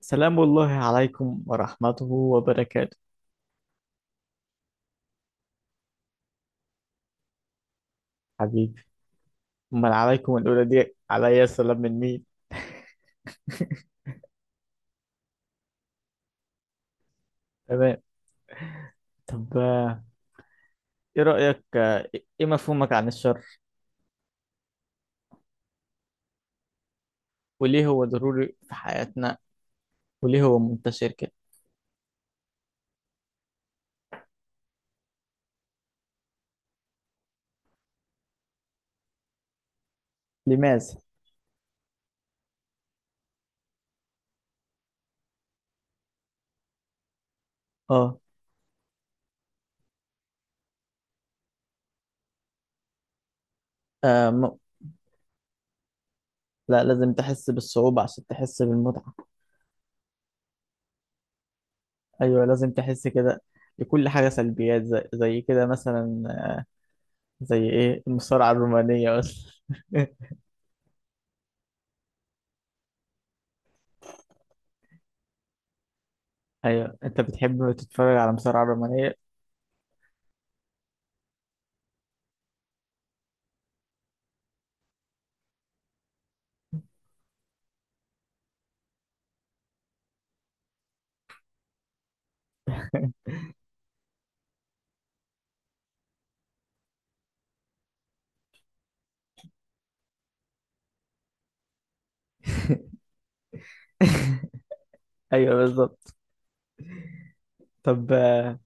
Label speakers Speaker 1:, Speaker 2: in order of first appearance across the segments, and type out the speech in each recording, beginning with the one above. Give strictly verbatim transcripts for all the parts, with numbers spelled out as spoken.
Speaker 1: سلام الله عليكم ورحمته وبركاته. حبيبي، أمال عليكم الأولى دي، عليا سلام من مين؟ تمام. طب، آه، إيه رأيك؟ آه، إيه مفهومك عن الشر؟ وليه هو ضروري في حياتنا؟ وليه هو منتشر كده؟ لماذا؟ آه. آه م... لا، لازم تحس بالصعوبة عشان تحس بالمتعة. أيوة، لازم تحس كده. لكل حاجة سلبيات، زي, زي كده مثلا، آه، زي إيه؟ المصارعة الرومانية بس. أيوة، أنت بتحب تتفرج على مصارعة رومانية؟ أيوة بالظبط. طب، آه،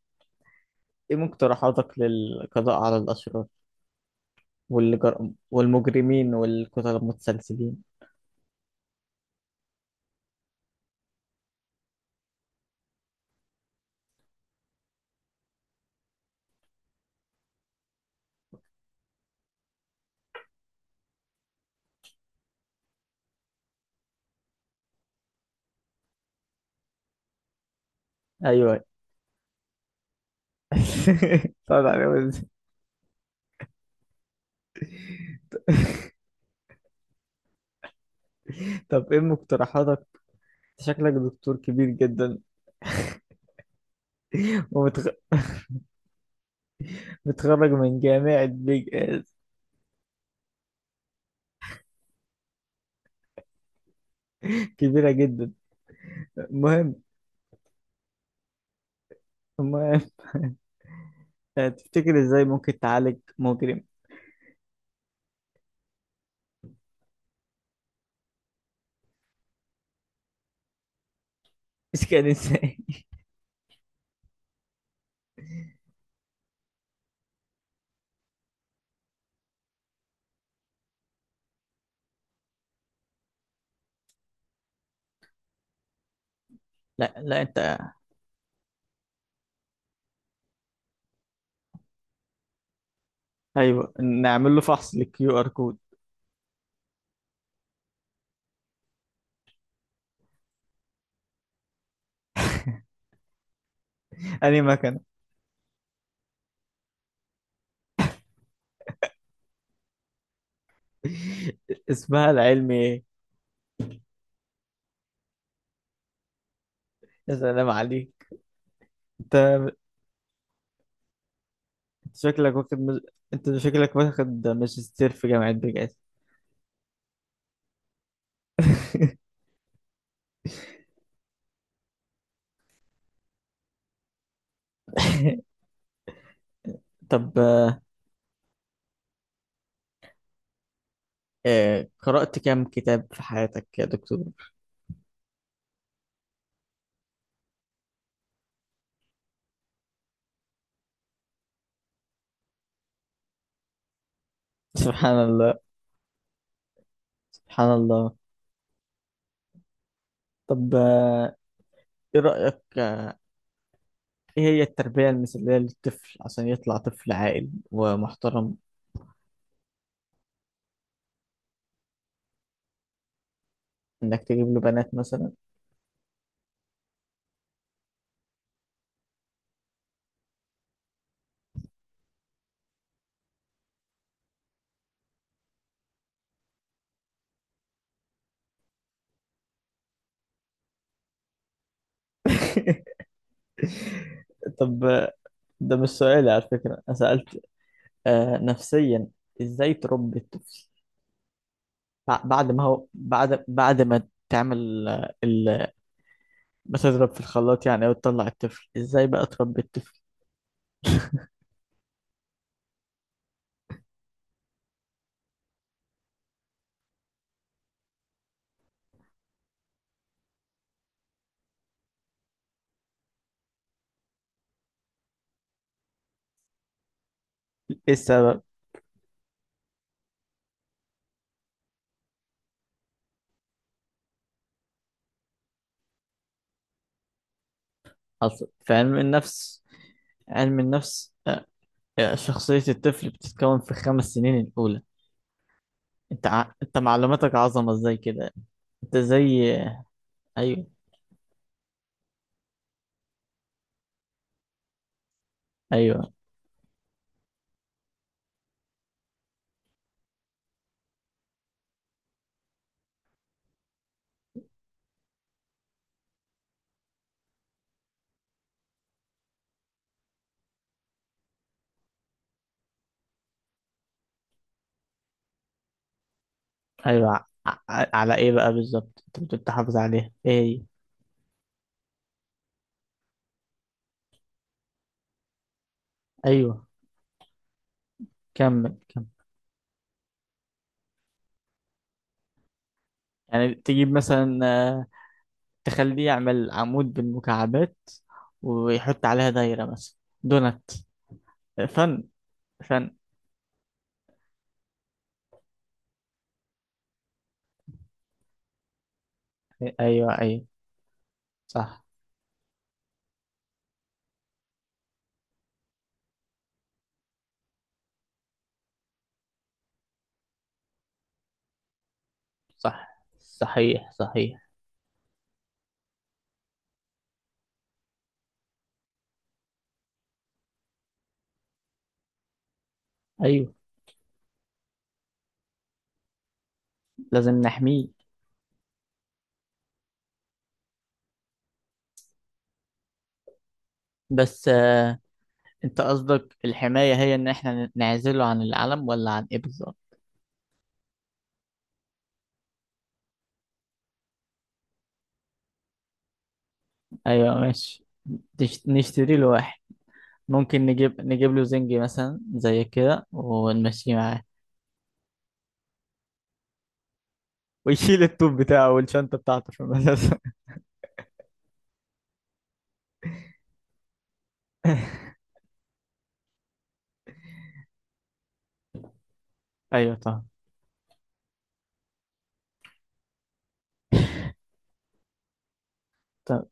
Speaker 1: ايه مقترحاتك للقضاء على الأشرار والجر... والمجرمين والقتلة المتسلسلين؟ ايوه. طبعا، عليهم إزاي؟ طب، ايه مقترحاتك؟ أنت شكلك دكتور كبير جدا، ومتخرج من جامعة بيج اس كبيرة جدا. المهم. المهم، آه، تفتكر ازاي ممكن تعالج مجرم؟ مش كده ازاي. لا لا، انت، ايوه. نعمل له فحص للكيو ار كود. انهي مكنة؟ اسمها العلمي ايه؟ يا سلام عليك. انت، شكلك واخد مز... انت شكلك واخد ماجستير في جامعة بجد. طب، آه، آه، قرأت كام كتاب في حياتك يا دكتور؟ سبحان الله. سبحان الله. طب، آه، ايه رأيك؟ آه، ايه هي التربية المثالية للطفل عشان يطلع طفل عاقل ومحترم؟ انك تجيب له بنات مثلا؟ طب، آه، ده مش سؤالي على فكرة. انا سألت آه، نفسيا ازاي تربي الطفل؟ بع- بعد ما هو، بعد بعد ما تعمل بتضرب في الخلاط يعني، وتطلع الطفل ازاي بقى تربي الطفل؟ ايه السبب؟ حصل في علم النفس. علم النفس. آه، آه، شخصية الطفل بتتكون في الخمس سنين الأولى. انت ع... انت معلوماتك عظمة ازاي كده؟ انت زي. ايوه ايوه ايوه. ع... ع- على ايه بقى بالظبط انت بتقول تحافظ عليها؟ ايه هي؟ ايوه، كمل كمل. يعني تجيب مثلا آه، تخليه يعمل عمود بالمكعبات، ويحط عليها دايرة مثلا. دونت. فن. فن. ايوه. ايوه. صح. صح. صحيح صحيح. ايوه، لازم نحميه. بس آه، انت قصدك الحماية هي ان احنا نعزله عن العالم، ولا عن ايه بالظبط؟ ايوه، ماشي. تش- نشتري له واحد. ممكن نجيب نجيب له زنجي مثلا زي كده، ونمشيه معاه، ويشيل التوب بتاعه والشنطة بتاعته في المدرسة. ايوه طبعا. طب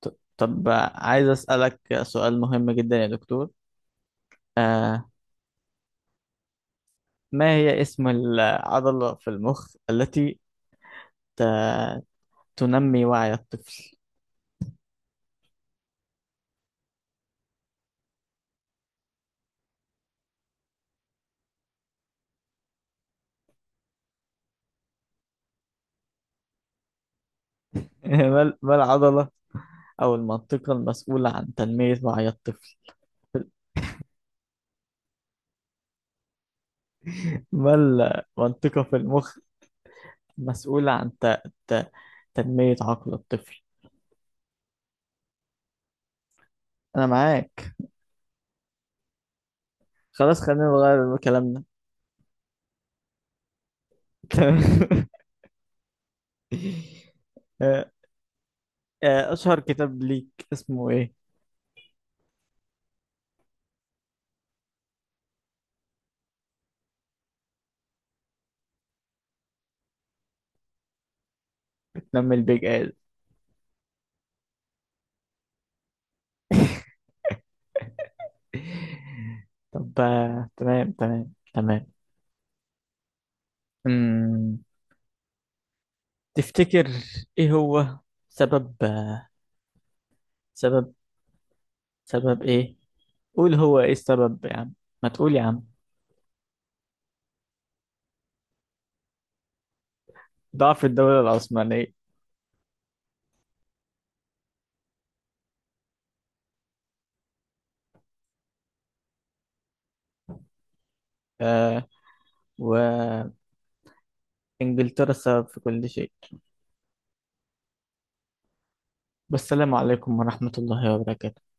Speaker 1: طب طب، آه، عايز اسالك سؤال مهم جدا يا دكتور. آه. ما هي اسم العضله في المخ التي آه، تنمي وعي الطفل؟ ما ال- ما العضلة أو المنطقة المسؤولة عن تنمية وعي الطفل؟ ما المنطقة في المخ مسؤولة عن ت... ت... تنمية عقل الطفل؟ أنا معاك. خلاص، خلينا نغير كلامنا. آه، آه، أشهر كتاب ليك اسمه إيه؟ تنمي البيج آد. طب، آه، تمام تمام تمام. أمم، تفتكر إيه هو سبب آه، سبب، سبب ايه؟ قول هو ايه السبب يا عم؟ ما تقول يا عم. ضعف الدولة العثمانية. آه، وإنجلترا السبب في كل شيء. والسلام عليكم ورحمة الله وبركاته.